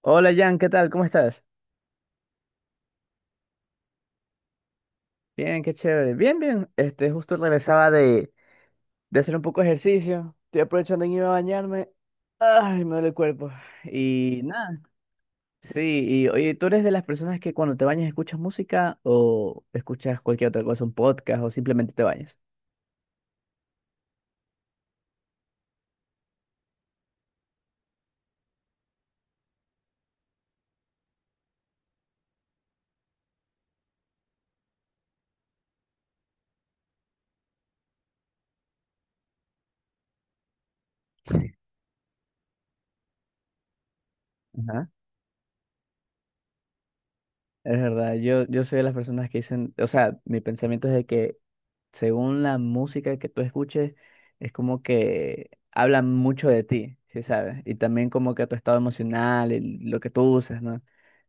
Hola Jan, ¿qué tal? ¿Cómo estás? Bien, qué chévere. Bien, bien. Justo regresaba de hacer un poco de ejercicio. Estoy aprovechando en ir a bañarme. Ay, me duele el cuerpo. Y nada. Sí, y oye, ¿tú eres de las personas que cuando te bañas escuchas música o escuchas cualquier otra cosa, un podcast o simplemente te bañas? Es verdad, yo soy de las personas que dicen, o sea, mi pensamiento es de que según la música que tú escuches, es como que habla mucho de ti, ¿sí sabes? Y también como que tu estado emocional, lo que tú usas, ¿no?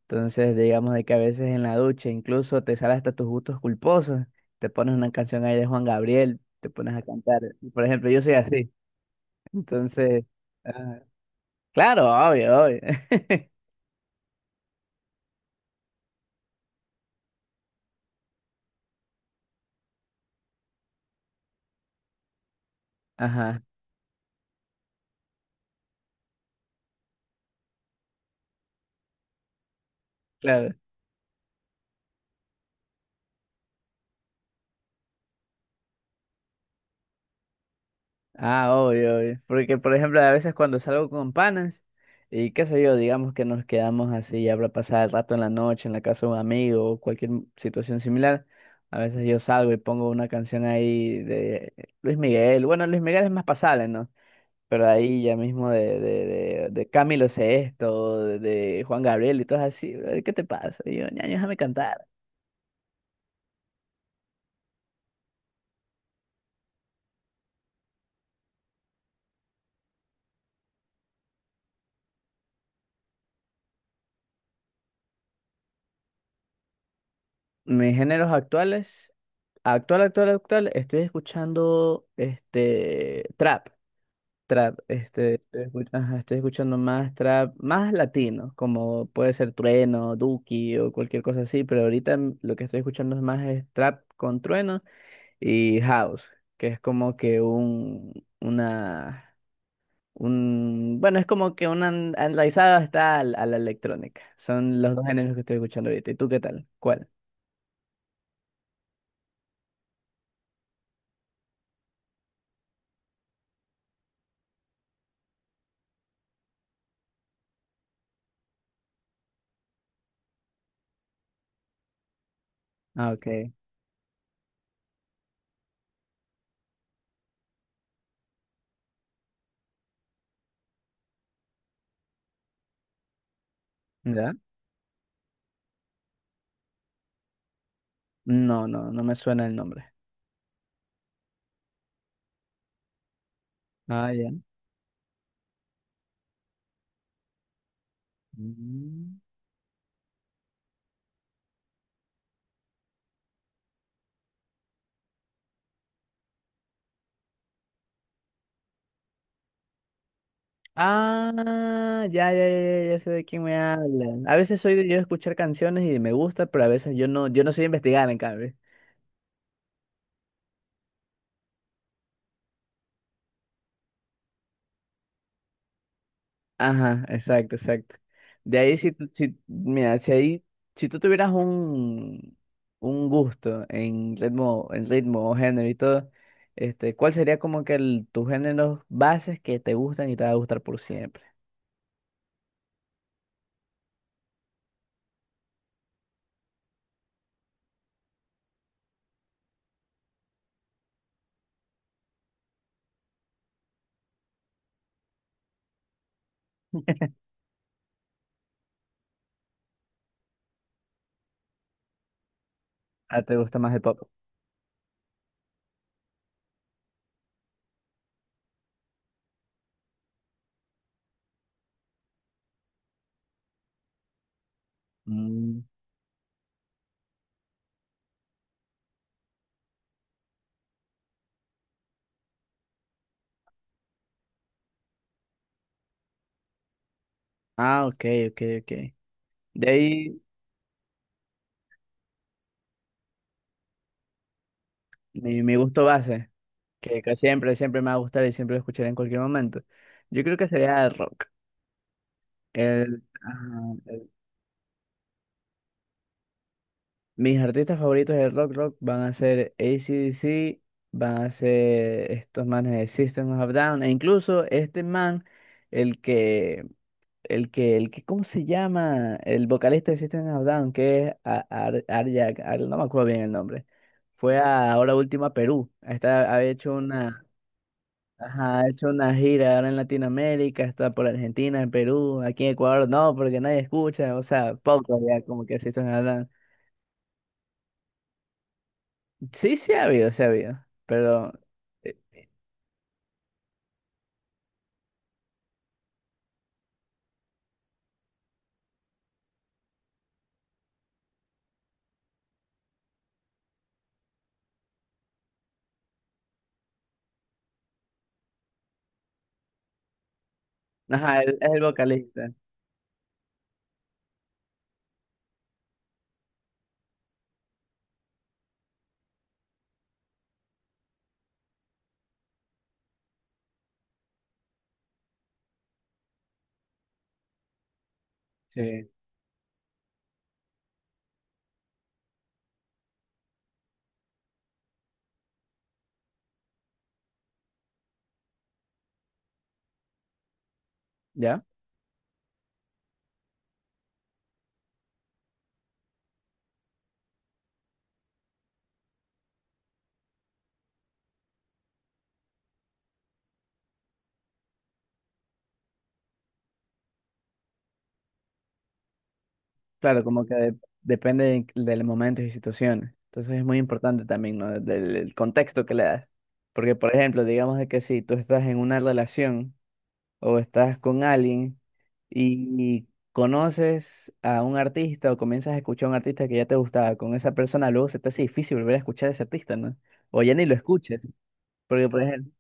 Entonces, digamos de que a veces en la ducha incluso te salen hasta tus gustos culposos, te pones una canción ahí de Juan Gabriel, te pones a cantar. Por ejemplo, yo soy así. Entonces, ah, claro, obvio, obvio. Ajá, claro. Ah, obvio, obvio. Porque, por ejemplo, a veces cuando salgo con panas y qué sé yo, digamos que nos quedamos así, ya habrá pasado el rato en la noche en la casa de un amigo o cualquier situación similar, a veces yo salgo y pongo una canción ahí de Luis Miguel. Bueno, Luis Miguel es más pasable, ¿no? Pero ahí ya mismo de Camilo Sesto, de Juan Gabriel y todo así. "Ay, ¿qué te pasa?" Y yo, ñaño, déjame cantar. Mis géneros actuales, estoy escuchando este trap. Trap, ajá, estoy escuchando más trap, más latino, como puede ser Trueno, Duki o cualquier cosa así, pero ahorita lo que estoy escuchando es más es trap con Trueno y House, que es como que bueno, es como que analizado está a la electrónica. Son los dos géneros que estoy escuchando ahorita. ¿Y tú qué tal? ¿Cuál? Ah, ok. ¿Ya? No, no, no me suena el nombre. Ah, ya. Mm. Ah, ya, ya, ya, ya ya sé de quién me hablan. A veces soy de yo escuchar canciones y me gusta, pero a veces yo no soy investigar, en cambio. Ajá, exacto, exacto. De ahí si, si mira, si ahí, si tú tuvieras un gusto en ritmo o género y todo, ¿cuál sería como que tus géneros bases que te gustan y te va a gustar por siempre? Ah, ¿te gusta más el pop? Mm. Ah, ok, ok, ok. De ahí mi gusto base. Que siempre, siempre me va a gustar y siempre lo escucharé en cualquier momento. Yo creo que sería el rock. El, ah, el- mis artistas favoritos del rock van a ser AC/DC, van a ser estos manes de System of a Down, e incluso este man, el que, ¿cómo se llama? El vocalista de System of a Down, que es no me acuerdo bien el nombre. Ahora último a Perú. Ha hecho una, ajá, ha hecho una gira ahora en Latinoamérica, está por Argentina, en Perú, aquí en Ecuador, no, porque nadie escucha, o sea, poco ya como que así están hablando. Sí ha habido, pero, eh, ajá, él es el vocalista, sí, ¿ya? Claro, depende del momento y situaciones, entonces es muy importante también, ¿no? Del contexto que le das, porque por ejemplo, digamos de que si tú estás en una relación o estás con alguien y conoces a un artista o comienzas a escuchar a un artista que ya te gustaba con esa persona, luego se te hace difícil volver a escuchar a ese artista, ¿no? O ya ni lo escuches, porque por ejemplo...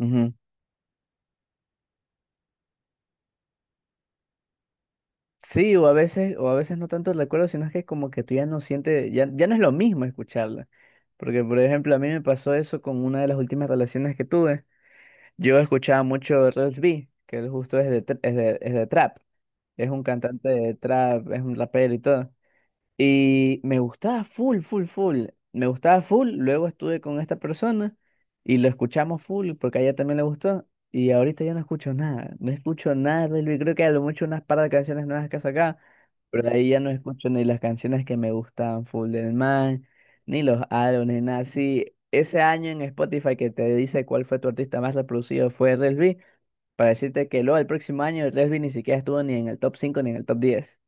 Ujú. Sí, o a veces no tanto el recuerdo, sino es que como que tú ya no sientes, ya, ya no es lo mismo escucharla. Porque, por ejemplo, a mí me pasó eso con una de las últimas relaciones que tuve. Yo escuchaba mucho Rels B, que él justo es es es de trap. Es un cantante de trap, es un rapero y todo. Y me gustaba full, full, full. Me gustaba full. Luego estuve con esta persona y lo escuchamos full porque a ella también le gustó. Y ahorita ya no escucho nada. No escucho nada de Luis. Creo que a lo mucho unas par de canciones nuevas que ha sacado. Pero de ahí ya no escucho ni las canciones que me gustaban full del man, ni los álbumes, nada así. Ese año en Spotify que te dice cuál fue tu artista más reproducido fue Resby. Para decirte que luego el próximo año Resby ni siquiera estuvo ni en el top 5 ni en el top 10.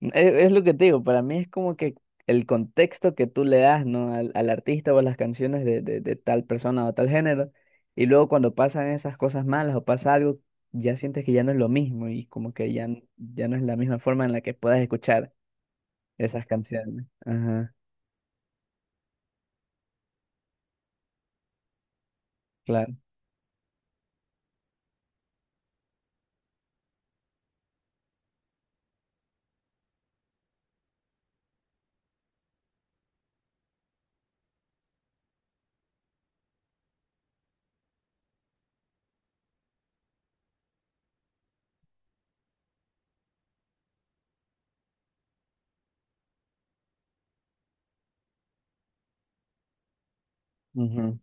E- Es lo que te digo, para mí es como que el contexto que tú le das, ¿no? Al artista o a las canciones de tal persona o tal género, y luego cuando pasan esas cosas malas o pasa algo, ya sientes que ya no es lo mismo y como que ya, ya no es la misma forma en la que puedas escuchar esas canciones. Ajá, claro. Ujú,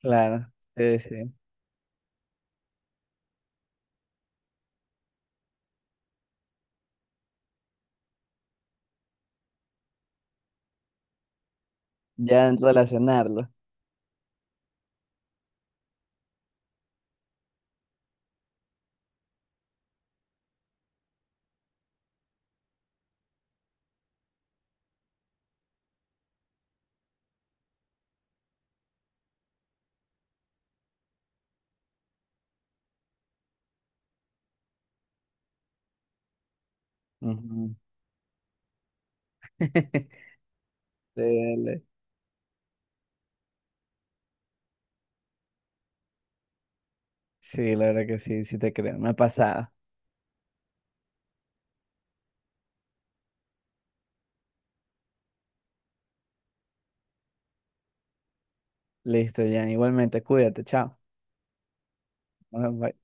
claro, sí, sí. Ya en relacionarlo. Ujú. Sí, le- sí, la verdad que sí, sí te creo, me ha pasado. Listo, ya, igualmente, cuídate, chao. Bye, bye.